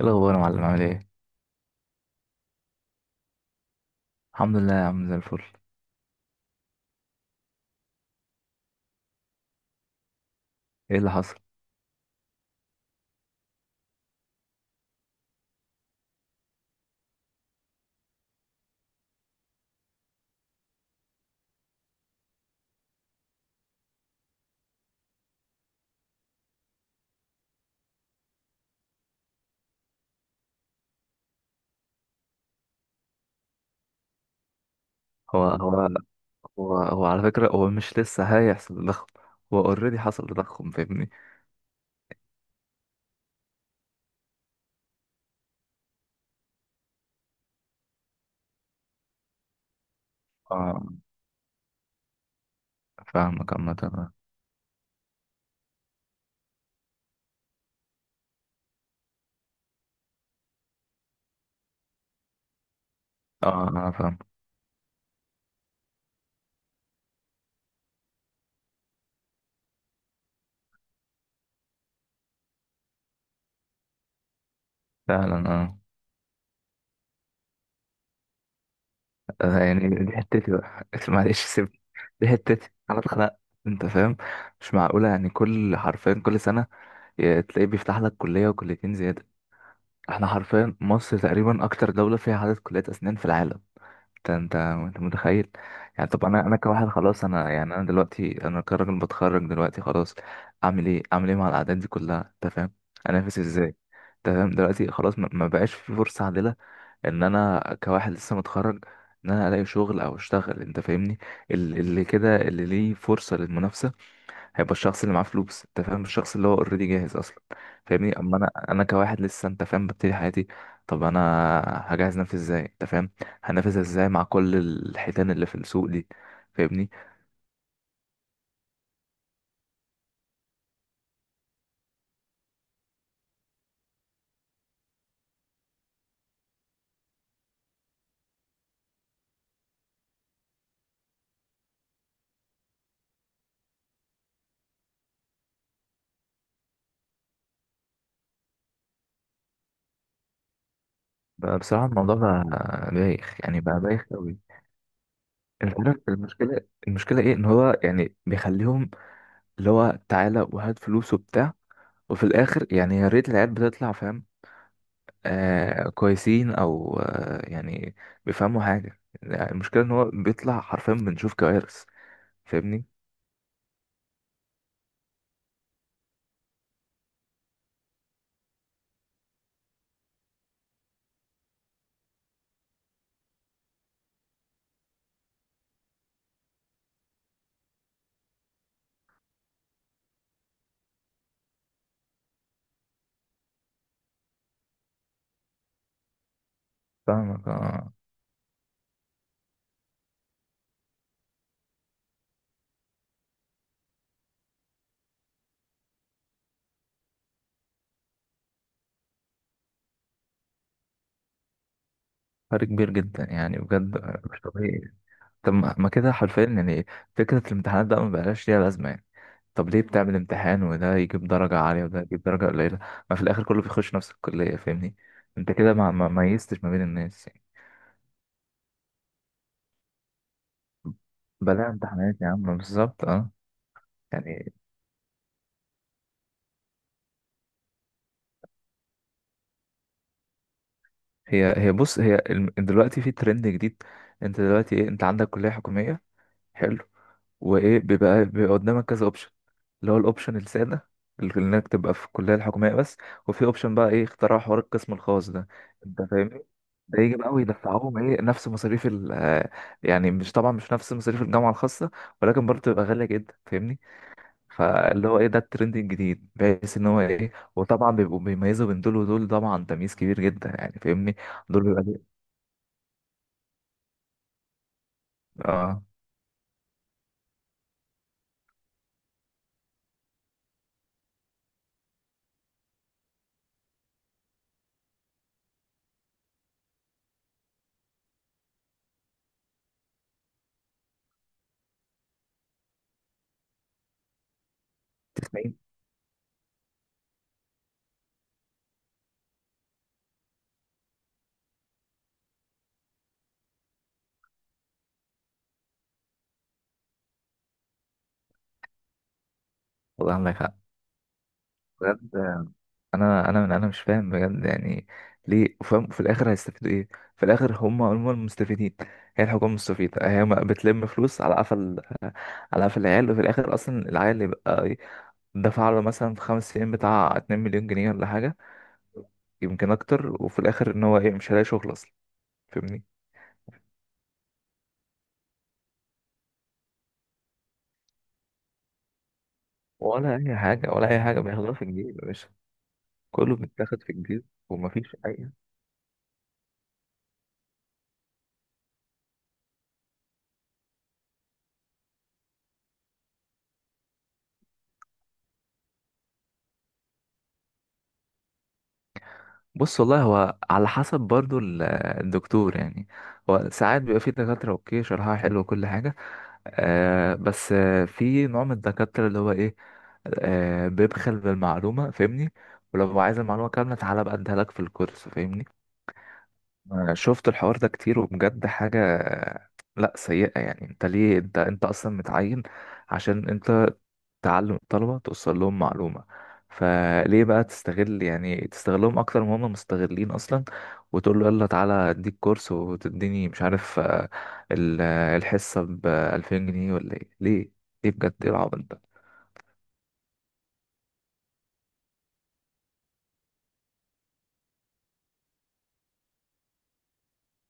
ايه الاخبار يا معلم، عامل ايه؟ الحمد لله يا عم، زي الفل. ايه اللي حصل؟ هو هو هو على فكره، هو مش لسه هيحصل تضخم. هو اوريدي حصل تضخم، فاهمني. اه فاهمك عامه، اه. انا فاهم. فعلا، اه. يعني دي حتتي بقى معلش سيبني. دي حتتي انا اتخنقت، انت فاهم؟ مش معقوله، يعني كل حرفيا كل سنه تلاقيه بيفتح لك كليه وكليتين زياده. احنا حرفيا مصر تقريبا اكتر دوله فيها عدد كليات اسنان في العالم. انت متخيل؟ يعني طب انا كواحد خلاص، انا يعني انا دلوقتي انا كراجل بتخرج دلوقتي خلاص، اعمل ايه؟ اعمل ايه مع الاعداد دي كلها انت فاهم؟ انافس ازاي؟ انت فاهم دلوقتي خلاص ما بقاش في فرصة عادلة. ان انا كواحد لسه متخرج، ان انا الاقي شغل او اشتغل انت فاهمني. اللي كده اللي ليه فرصة للمنافسة هيبقى الشخص اللي معاه فلوس، انت فاهم، الشخص اللي هو اوريدي جاهز اصلا، فاهمني. اما انا كواحد لسه، انت فاهم، ببتدي حياتي. طب انا هجهز نفسي ازاي انت فاهم؟ هنافسها ازاي مع كل الحيتان اللي في السوق دي، فاهمني؟ بقى بصراحة الموضوع بقى بايخ يعني، بقى بايخ قوي. انت عارف المشكلة؟ المشكلة ايه؟ ان هو يعني بيخليهم، اللي هو تعالى وهات فلوس وبتاع، وفي الاخر يعني يا ريت العيال بتطلع فاهم، آه كويسين، او آه يعني بيفهموا حاجة. يعني المشكلة ان هو بيطلع حرفيا بنشوف كوارث، فاهمني. فاهمك، اه. فرق كبير جدا يعني، بجد مش طبيعي. طب ما كده حرفيا يعني فكرة الامتحانات ده ما بقاش ليها لازمة يعني. طب ليه بتعمل امتحان وده يجيب درجة عالية وده يجيب درجة قليلة؟ ما في الآخر كله بيخش نفس الكلية، فاهمني. انت كده ما ميزتش ما بين الناس يعني. بلا امتحانات يا عم، بالظبط، اه. يعني هي بص، هي دلوقتي في ترند جديد. انت دلوقتي ايه، انت عندك كلية حكومية، حلو، وايه بيبقى قدامك كذا اوبشن. اللي هو الاوبشن السادة، اللي انك تبقى في الكلية الحكومية بس، وفي اوبشن بقى ايه، اختراع حوار القسم الخاص ده، انت فاهمني. ده يجي بقى ويدفعوهم ايه، نفس مصاريف ال يعني مش، طبعا مش نفس مصاريف الجامعة الخاصة، ولكن برضه تبقى غالية جدا، فاهمني. فاللي هو ايه، ده الترند الجديد، بحيث ان هو ايه، وطبعا بيبقوا بيميزوا بين دول ودول، طبعا تمييز كبير جدا يعني، فاهمني. دول بيبقى ليه، اه، تسمعين. والله عندك حق، بجد. انا من، انا مش فاهم بجد يعني ليه؟ فاهم في الاخر هيستفيدوا ايه؟ في الاخر هم المستفيدين. هي الحكومه مستفيده، هي ما بتلم فلوس على قفل، على قفل العيال. وفي الاخر اصلا العيال اللي بقى إيه، دفع له مثلا في 5 سنين بتاع 2 مليون جنيه ولا حاجه، يمكن اكتر، وفي الاخر ان هو ايه مش هلاقي شغل اصلا، فاهمني. ولا اي حاجه، ولا اي حاجه بياخدوها في الجيب يا باشا. كله بيتاخد في الجيب، ومفيش اي. بص والله هو على حسب برضو الدكتور يعني. هو ساعات بيبقى في دكاترة اوكي شرحها حلو وكل حاجة، بس في نوع من الدكاترة اللي هو ايه، آه بيبخل بالمعلومة، فاهمني. ولو عايز المعلومة كاملة تعالى بقى اديها لك في الكورس، فاهمني. آه شفت الحوار ده كتير، وبجد حاجة لا، سيئة يعني. انت ليه، انت انت اصلا متعين عشان انت تعلم الطلبة، توصل لهم معلومة. فليه بقى تستغل، يعني تستغلهم أكتر ما هم مستغلين أصلا، وتقول له يلا تعالى أديك كورس، وتديني مش عارف الحصة بـ2000 جنيه، ولا إيه؟ ليه، ليه بجد؟ إيه العبط ده؟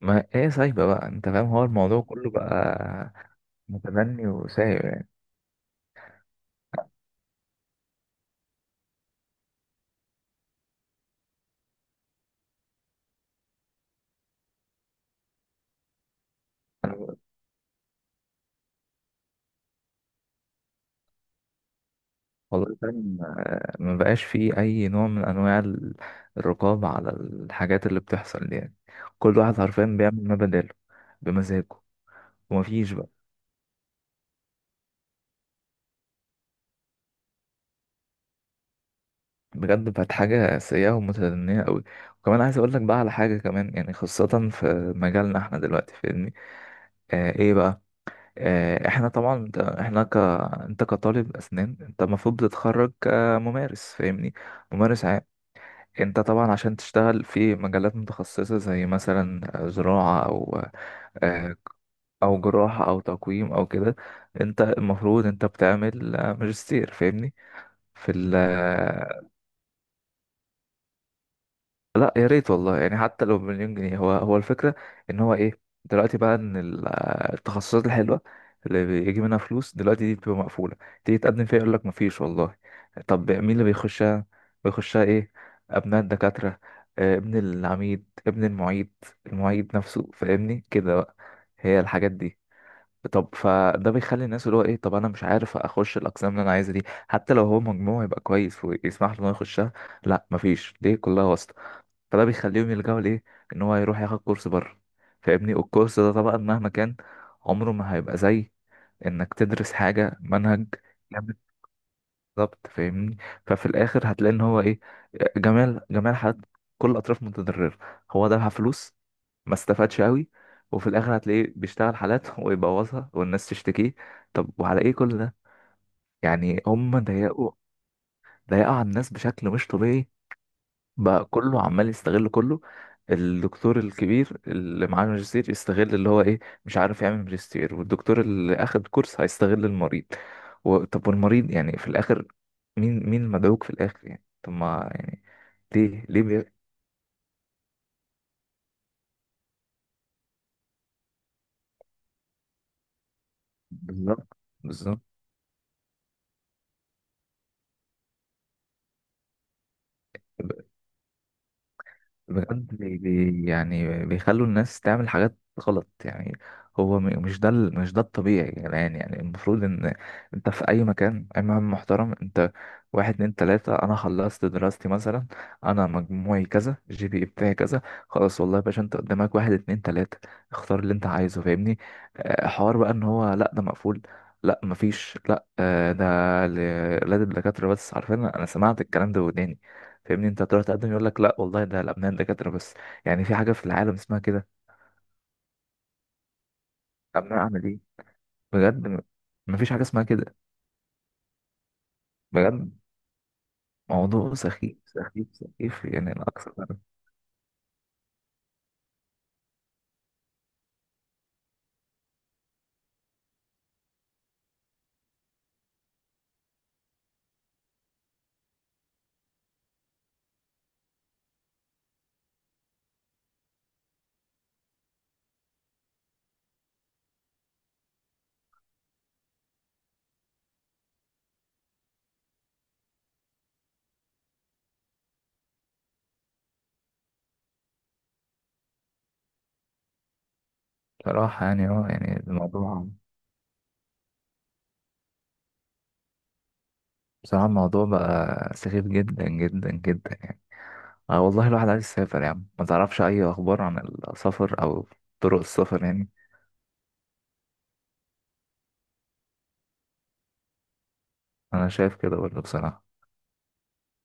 ما إيه سايبة بقى أنت فاهم، هو الموضوع كله بقى متبني وسايب يعني. أنا والله فاهم، ما بقاش فيه أي نوع من أنواع الرقابة على الحاجات اللي بتحصل دي يعني. كل واحد حرفيا بيعمل ما بداله، بمزاجه، ومفيش. بجد بقت حاجة سيئة ومتدنية قوي. وكمان عايز اقول لك بقى على حاجة كمان يعني، خاصة في مجالنا احنا دلوقتي، فاهمني. ايه بقى، آه احنا طبعا انت احنا انت كطالب اسنان انت المفروض بتتخرج كممارس، فاهمني. ممارس عام. انت طبعا عشان تشتغل في مجالات متخصصة زي مثلا زراعة او، آه، او جراحة او تقويم او كده، انت المفروض انت بتعمل ماجستير، فاهمني، في ال. لا يا ريت والله، يعني حتى لو بـ1 مليون جنيه، هو هو الفكرة ان هو ايه دلوقتي بقى، ان التخصصات الحلوة اللي بيجي منها فلوس دلوقتي دي بتبقى مقفولة. تيجي تقدم فيها يقول لك مفيش والله. طب مين اللي بيخشها؟ بيخشها ايه؟ ابناء الدكاترة، آه، ابن العميد، ابن المعيد، المعيد نفسه، فاهمني كده بقى، هي الحاجات دي. طب فده بيخلي الناس اللي هو ايه، طب انا مش عارف اخش الاقسام اللي انا عايزها دي، حتى لو هو مجموعه يبقى كويس ويسمح له انه يخشها. لا مفيش، ليه؟ كلها واسطة. فده بيخليهم يلجأوا لإيه؟ إن هو يروح ياخد كورس بره، فاهمني. والكورس ده طبعا مهما كان عمره ما هيبقى زي إنك تدرس حاجة منهج جامد، بالظبط، فاهمني. ففي الآخر هتلاقي إن هو إيه، جميع جميع الحالات، كل الأطراف متضررة. هو دفع فلوس ما استفادش أوي، وفي الآخر هتلاقيه بيشتغل حالات ويبوظها والناس تشتكيه. طب وعلى إيه كل ده؟ يعني هم ضيقوا، ضيقوا على الناس بشكل مش طبيعي. بقى كله عمال يستغل كله. الدكتور الكبير اللي معاه ماجستير يستغل اللي هو ايه، مش عارف يعمل ماجستير، والدكتور اللي اخد كورس هيستغل المريض. و... طب والمريض يعني في الاخر، مين المدعوك في الاخر؟ يعني طب ما يعني ليه، ليه بالظبط، بالظبط. بجد يعني بيخلوا الناس تعمل حاجات غلط يعني. هو مش ده مش ده الطبيعي يا جدعان. يعني المفروض ان انت في اي مكان اي مهم محترم، انت واحد اتنين تلاتة، انا خلصت دراستي مثلا، انا مجموعي كذا، جي بي بتاعي كذا، خلاص والله يا باشا، انت قدامك واحد اتنين تلاتة، اختار اللي انت عايزه، فاهمني. حوار بقى ان هو لا ده مقفول، لا مفيش، لا، ده لا ده الدكاترة بس عارفين، انا سمعت الكلام ده وداني، فاهمني. انت هتروح تقدم يقول لك لا والله ده الابناء دكاتره بس. يعني في حاجه في العالم اسمها كده؟ ابناء اعمل ايه؟ بجد مفيش حاجه اسمها كده. بجد موضوع سخيف سخيف سخيف يعني الاكثر. بصراحه يعني، اه يعني الموضوع، بصراحه الموضوع بقى سخيف جدا جدا جدا يعني. اه والله الواحد عايز يسافر يا عم، ما تعرفش اي اخبار عن السفر او طرق السفر يعني؟ انا شايف كده برضه، بصراحه.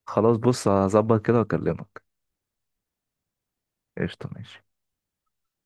خلاص بص، هظبط كده واكلمك. قشطه، ماشي.